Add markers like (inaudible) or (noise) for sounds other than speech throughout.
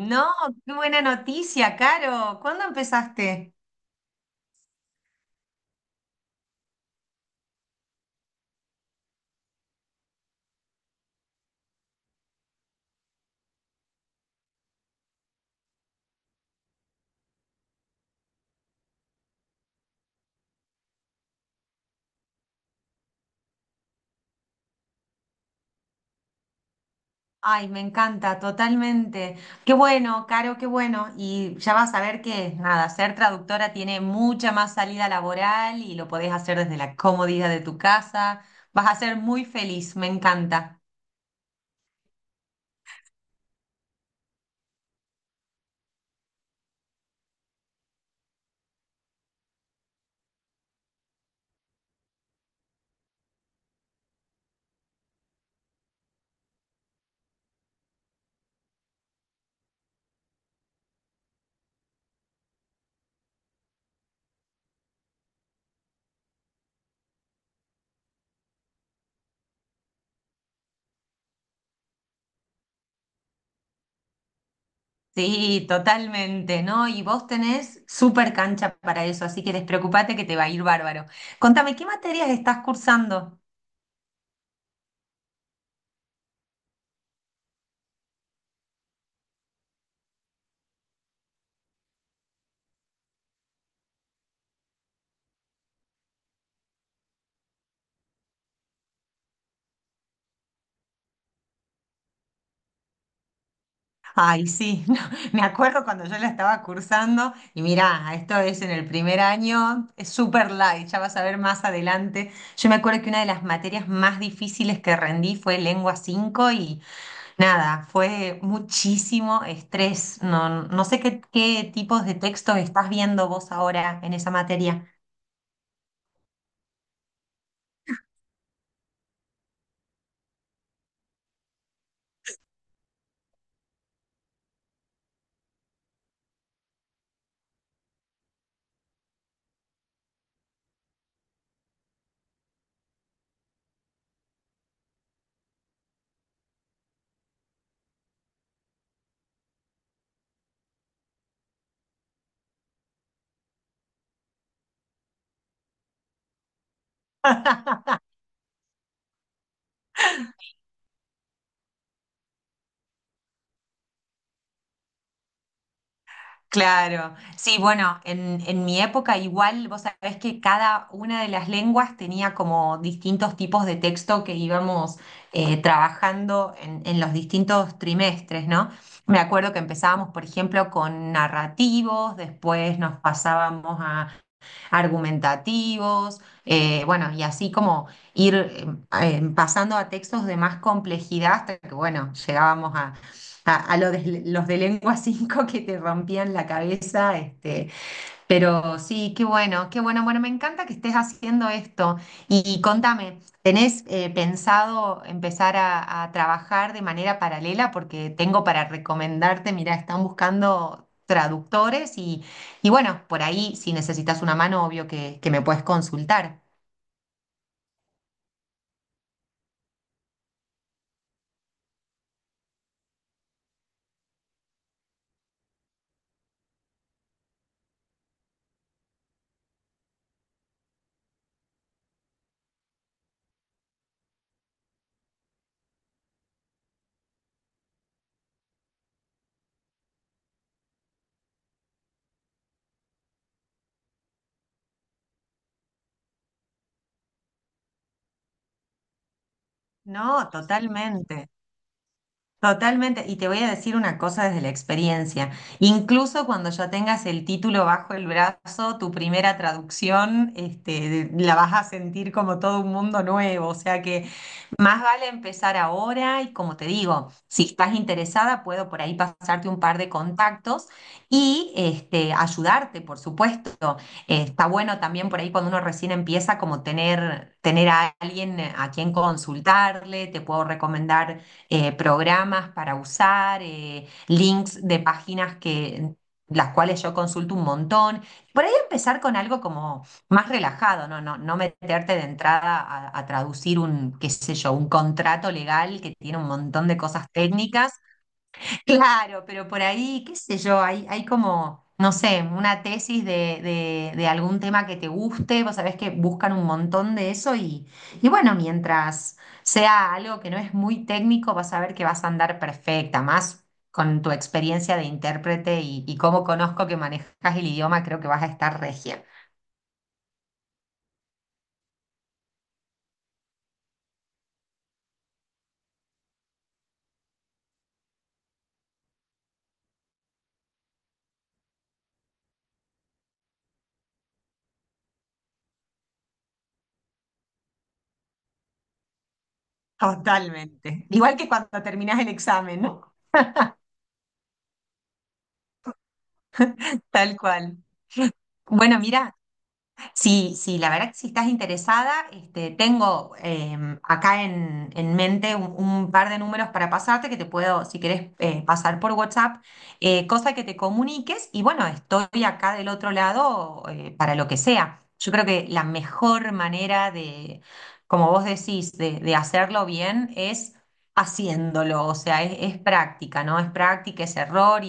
No, qué buena noticia, Caro. ¿Cuándo empezaste? Ay, me encanta, totalmente. Qué bueno, Caro, qué bueno. Y ya vas a ver que, nada, ser traductora tiene mucha más salida laboral y lo podés hacer desde la comodidad de tu casa. Vas a ser muy feliz, me encanta. Sí, totalmente, ¿no? Y vos tenés súper cancha para eso, así que despreocupate que te va a ir bárbaro. Contame, ¿qué materias estás cursando? Ay, sí, (laughs) no, me acuerdo cuando yo la estaba cursando y mirá, esto es en el primer año, es super light, ya vas a ver más adelante. Yo me acuerdo que una de las materias más difíciles que rendí fue lengua 5 y nada, fue muchísimo estrés. No, no sé qué, qué tipos de textos estás viendo vos ahora en esa materia. (laughs) Claro, sí, bueno, en mi época igual, vos sabés que cada una de las lenguas tenía como distintos tipos de texto que íbamos trabajando en los distintos trimestres, ¿no? Me acuerdo que empezábamos, por ejemplo, con narrativos, después nos pasábamos argumentativos, bueno, y así como ir pasando a textos de más complejidad hasta que, bueno, llegábamos a los de lengua (laughs) 5 que te rompían la cabeza, este, pero sí, qué bueno, qué bueno. Bueno, me encanta que estés haciendo esto. Y contame, ¿tenés pensado empezar a trabajar de manera paralela? Porque tengo para recomendarte, mira, están buscando traductores, bueno, por ahí si necesitas una mano, obvio que me puedes consultar. No, totalmente. Totalmente, y te voy a decir una cosa desde la experiencia. Incluso cuando ya tengas el título bajo el brazo, tu primera traducción, este, la vas a sentir como todo un mundo nuevo. O sea que más vale empezar ahora y como te digo, si estás interesada, puedo por ahí pasarte un par de contactos y este, ayudarte, por supuesto. Está bueno también por ahí cuando uno recién empieza como tener a alguien a quien consultarle, te puedo recomendar programas para usar, links de páginas que, las cuales yo consulto un montón. Por ahí empezar con algo como más relajado, no meterte de entrada a traducir un, qué sé yo, un contrato legal que tiene un montón de cosas técnicas. Claro, pero por ahí, qué sé yo, hay como, no sé, una tesis de algún tema que te guste, vos sabés que buscan un montón de eso y bueno, mientras sea algo que no es muy técnico, vas a ver que vas a andar perfecta, más con tu experiencia de intérprete y cómo conozco que manejas el idioma, creo que vas a estar regia. Totalmente, igual que cuando terminás el examen, ¿no? Tal cual. Bueno, mira. Sí, sí, la verdad que si estás interesada, este, tengo acá en mente un par de números para pasarte que te puedo, si querés, pasar por WhatsApp, cosa que te comuniques y bueno, estoy acá del otro lado para lo que sea. Yo creo que la mejor manera de, como vos decís, de hacerlo bien es haciéndolo, o sea, es práctica, ¿no? Es práctica, es error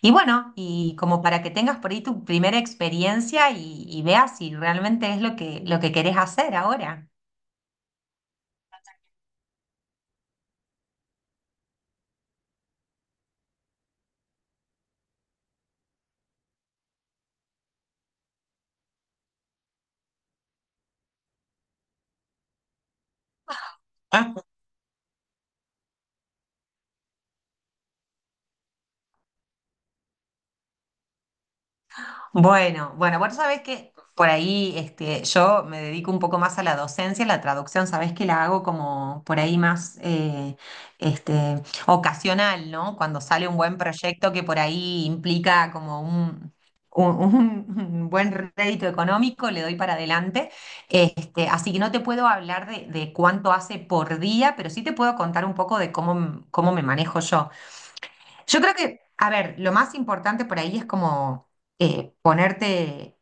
y bueno, y como para que tengas por ahí tu primera experiencia y veas si realmente es lo que querés hacer ahora. Bueno, bueno, vos sabés que por ahí este, yo me dedico un poco más a la docencia, la traducción, sabés que la hago como por ahí más este, ocasional, ¿no? Cuando sale un buen proyecto que por ahí implica como un, un buen rédito económico, le doy para adelante. Este, así que no te puedo hablar de cuánto hace por día, pero sí te puedo contar un poco de cómo, cómo me manejo yo. Yo creo que, a ver, lo más importante por ahí es como ponerte,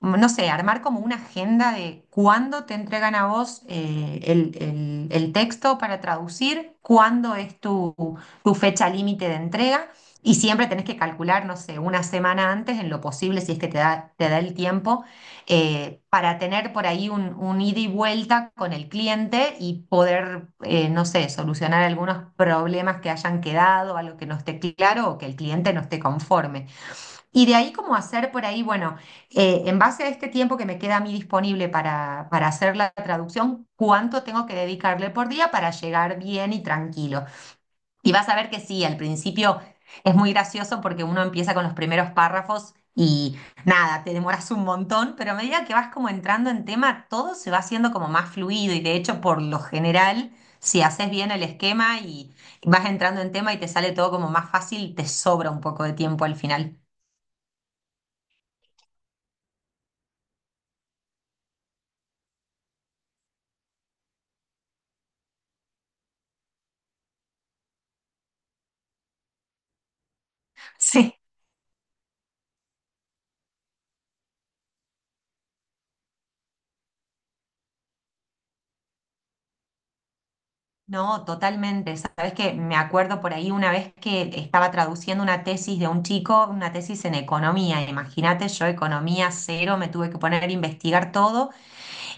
no sé, armar como una agenda de cuándo te entregan a vos el, el texto para traducir, cuándo es tu, tu fecha límite de entrega y siempre tenés que calcular, no sé, una semana antes en lo posible, si es que te da el tiempo, para tener por ahí un ida y vuelta con el cliente y poder, no sé, solucionar algunos problemas que hayan quedado, algo que no esté claro o que el cliente no esté conforme. Y de ahí como hacer por ahí, bueno, en base a este tiempo que me queda a mí disponible para hacer la traducción, ¿cuánto tengo que dedicarle por día para llegar bien y tranquilo? Y vas a ver que sí, al principio es muy gracioso porque uno empieza con los primeros párrafos y nada, te demoras un montón, pero a medida que vas como entrando en tema, todo se va haciendo como más fluido y de hecho por lo general, si haces bien el esquema y vas entrando en tema y te sale todo como más fácil, te sobra un poco de tiempo al final. (laughs) Sí. No, totalmente. Sabes que me acuerdo por ahí una vez que estaba traduciendo una tesis de un chico, una tesis en economía. Imagínate, yo economía cero, me tuve que poner a investigar todo.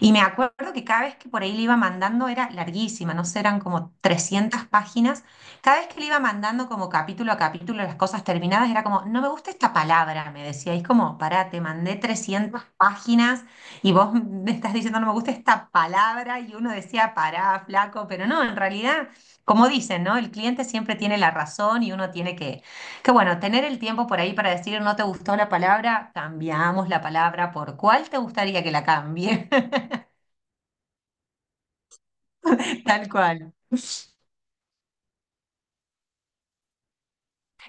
Y me acuerdo que cada vez que por ahí le iba mandando era larguísima, no sé, eran como 300 páginas. Cada vez que le iba mandando como capítulo a capítulo las cosas terminadas, era como, no me gusta esta palabra, me decía. Y es como, pará, te mandé 300 páginas y vos (laughs) me estás diciendo, no me gusta esta palabra. Y uno decía, pará, flaco, pero no, en realidad, como dicen, ¿no? El cliente siempre tiene la razón y uno tiene que bueno, tener el tiempo por ahí para decir, no te gustó la palabra, cambiamos la palabra por cuál te gustaría que la cambie. Tal cual.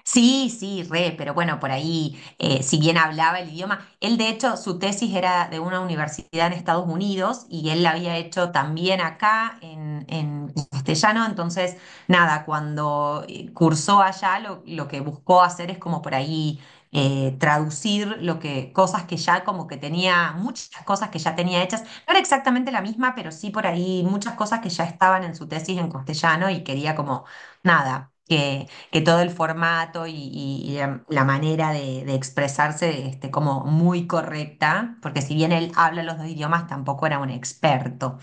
Sí, sí, re, pero bueno, por ahí, si bien hablaba el idioma, él de hecho, su tesis era de una universidad en Estados Unidos y él la había hecho también acá en castellano, entonces, nada, cuando cursó allá, lo que buscó hacer es como por ahí traducir lo que, cosas que ya como que tenía, muchas cosas que ya tenía hechas, no era exactamente la misma, pero sí por ahí muchas cosas que ya estaban en su tesis en castellano y quería como, nada, que todo el formato y la, la manera de expresarse este, como muy correcta, porque si bien él habla los dos idiomas, tampoco era un experto.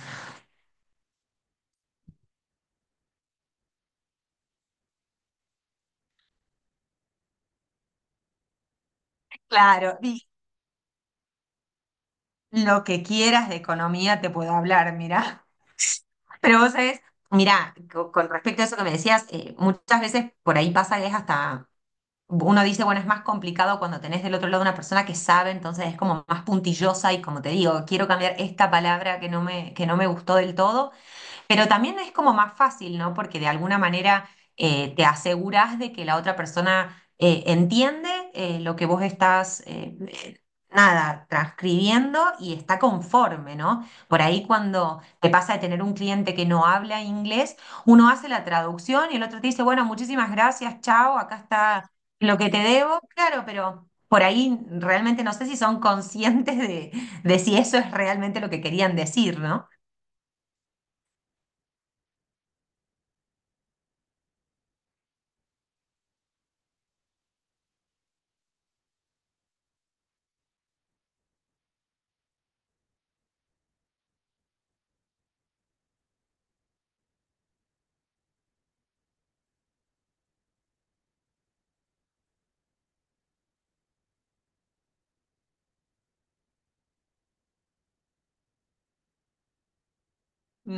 Claro, y lo que quieras de economía te puedo hablar, mira. Pero vos sabés, mira, con respecto a eso que me decías, muchas veces por ahí pasa que es hasta… Uno dice, bueno, es más complicado cuando tenés del otro lado una persona que sabe, entonces es como más puntillosa y como te digo, quiero cambiar esta palabra que no me gustó del todo. Pero también es como más fácil, ¿no? Porque de alguna manera te aseguras de que la otra persona entiende lo que vos estás, nada, transcribiendo y está conforme, ¿no? Por ahí cuando te pasa de tener un cliente que no habla inglés, uno hace la traducción y el otro te dice, bueno, muchísimas gracias, chao, acá está lo que te debo. Claro, pero por ahí realmente no sé si son conscientes de si eso es realmente lo que querían decir, ¿no?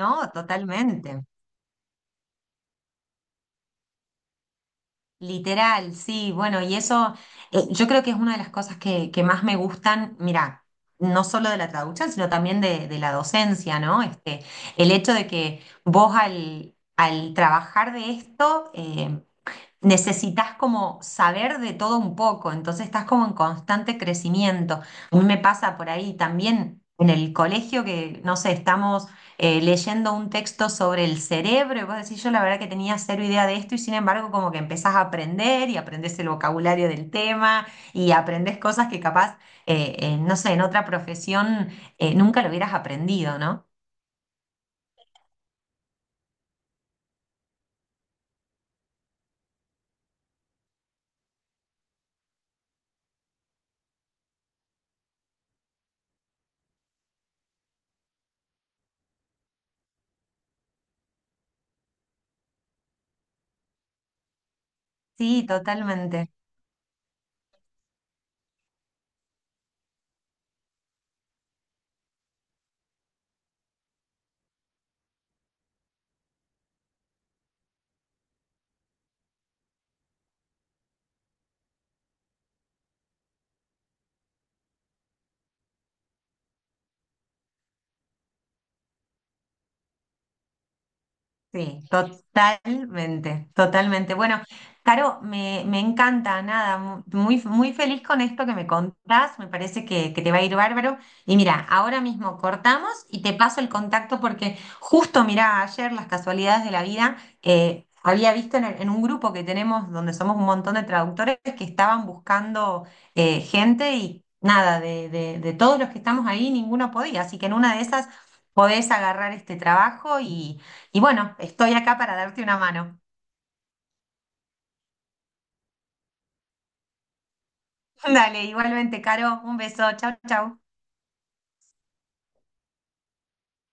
No, totalmente. Literal, sí, bueno, y eso yo creo que es una de las cosas que más me gustan, mira, no solo de la traducción, sino también de la docencia, ¿no? Este, el hecho de que vos al trabajar de esto, necesitas como saber de todo un poco, entonces estás como en constante crecimiento. A mí me pasa por ahí también en el colegio que, no sé, estamos leyendo un texto sobre el cerebro y vos decís, yo la verdad que tenía cero idea de esto y sin embargo como que empezás a aprender y aprendés el vocabulario del tema y aprendés cosas que capaz, no sé, en otra profesión nunca lo hubieras aprendido, ¿no? Sí, totalmente. Sí, totalmente, totalmente. Bueno, Caro, me encanta, nada, muy feliz con esto que me contás, me parece que te va a ir bárbaro. Y mira, ahora mismo cortamos y te paso el contacto porque justo, mira, ayer las casualidades de la vida, había visto en, en un grupo que tenemos donde somos un montón de traductores que estaban buscando gente y nada, de todos los que estamos ahí, ninguno podía, así que en una de esas podés agarrar este trabajo y… Y bueno, estoy acá para darte una mano. (laughs) Dale, igualmente, Caro, un beso. Chau, chau.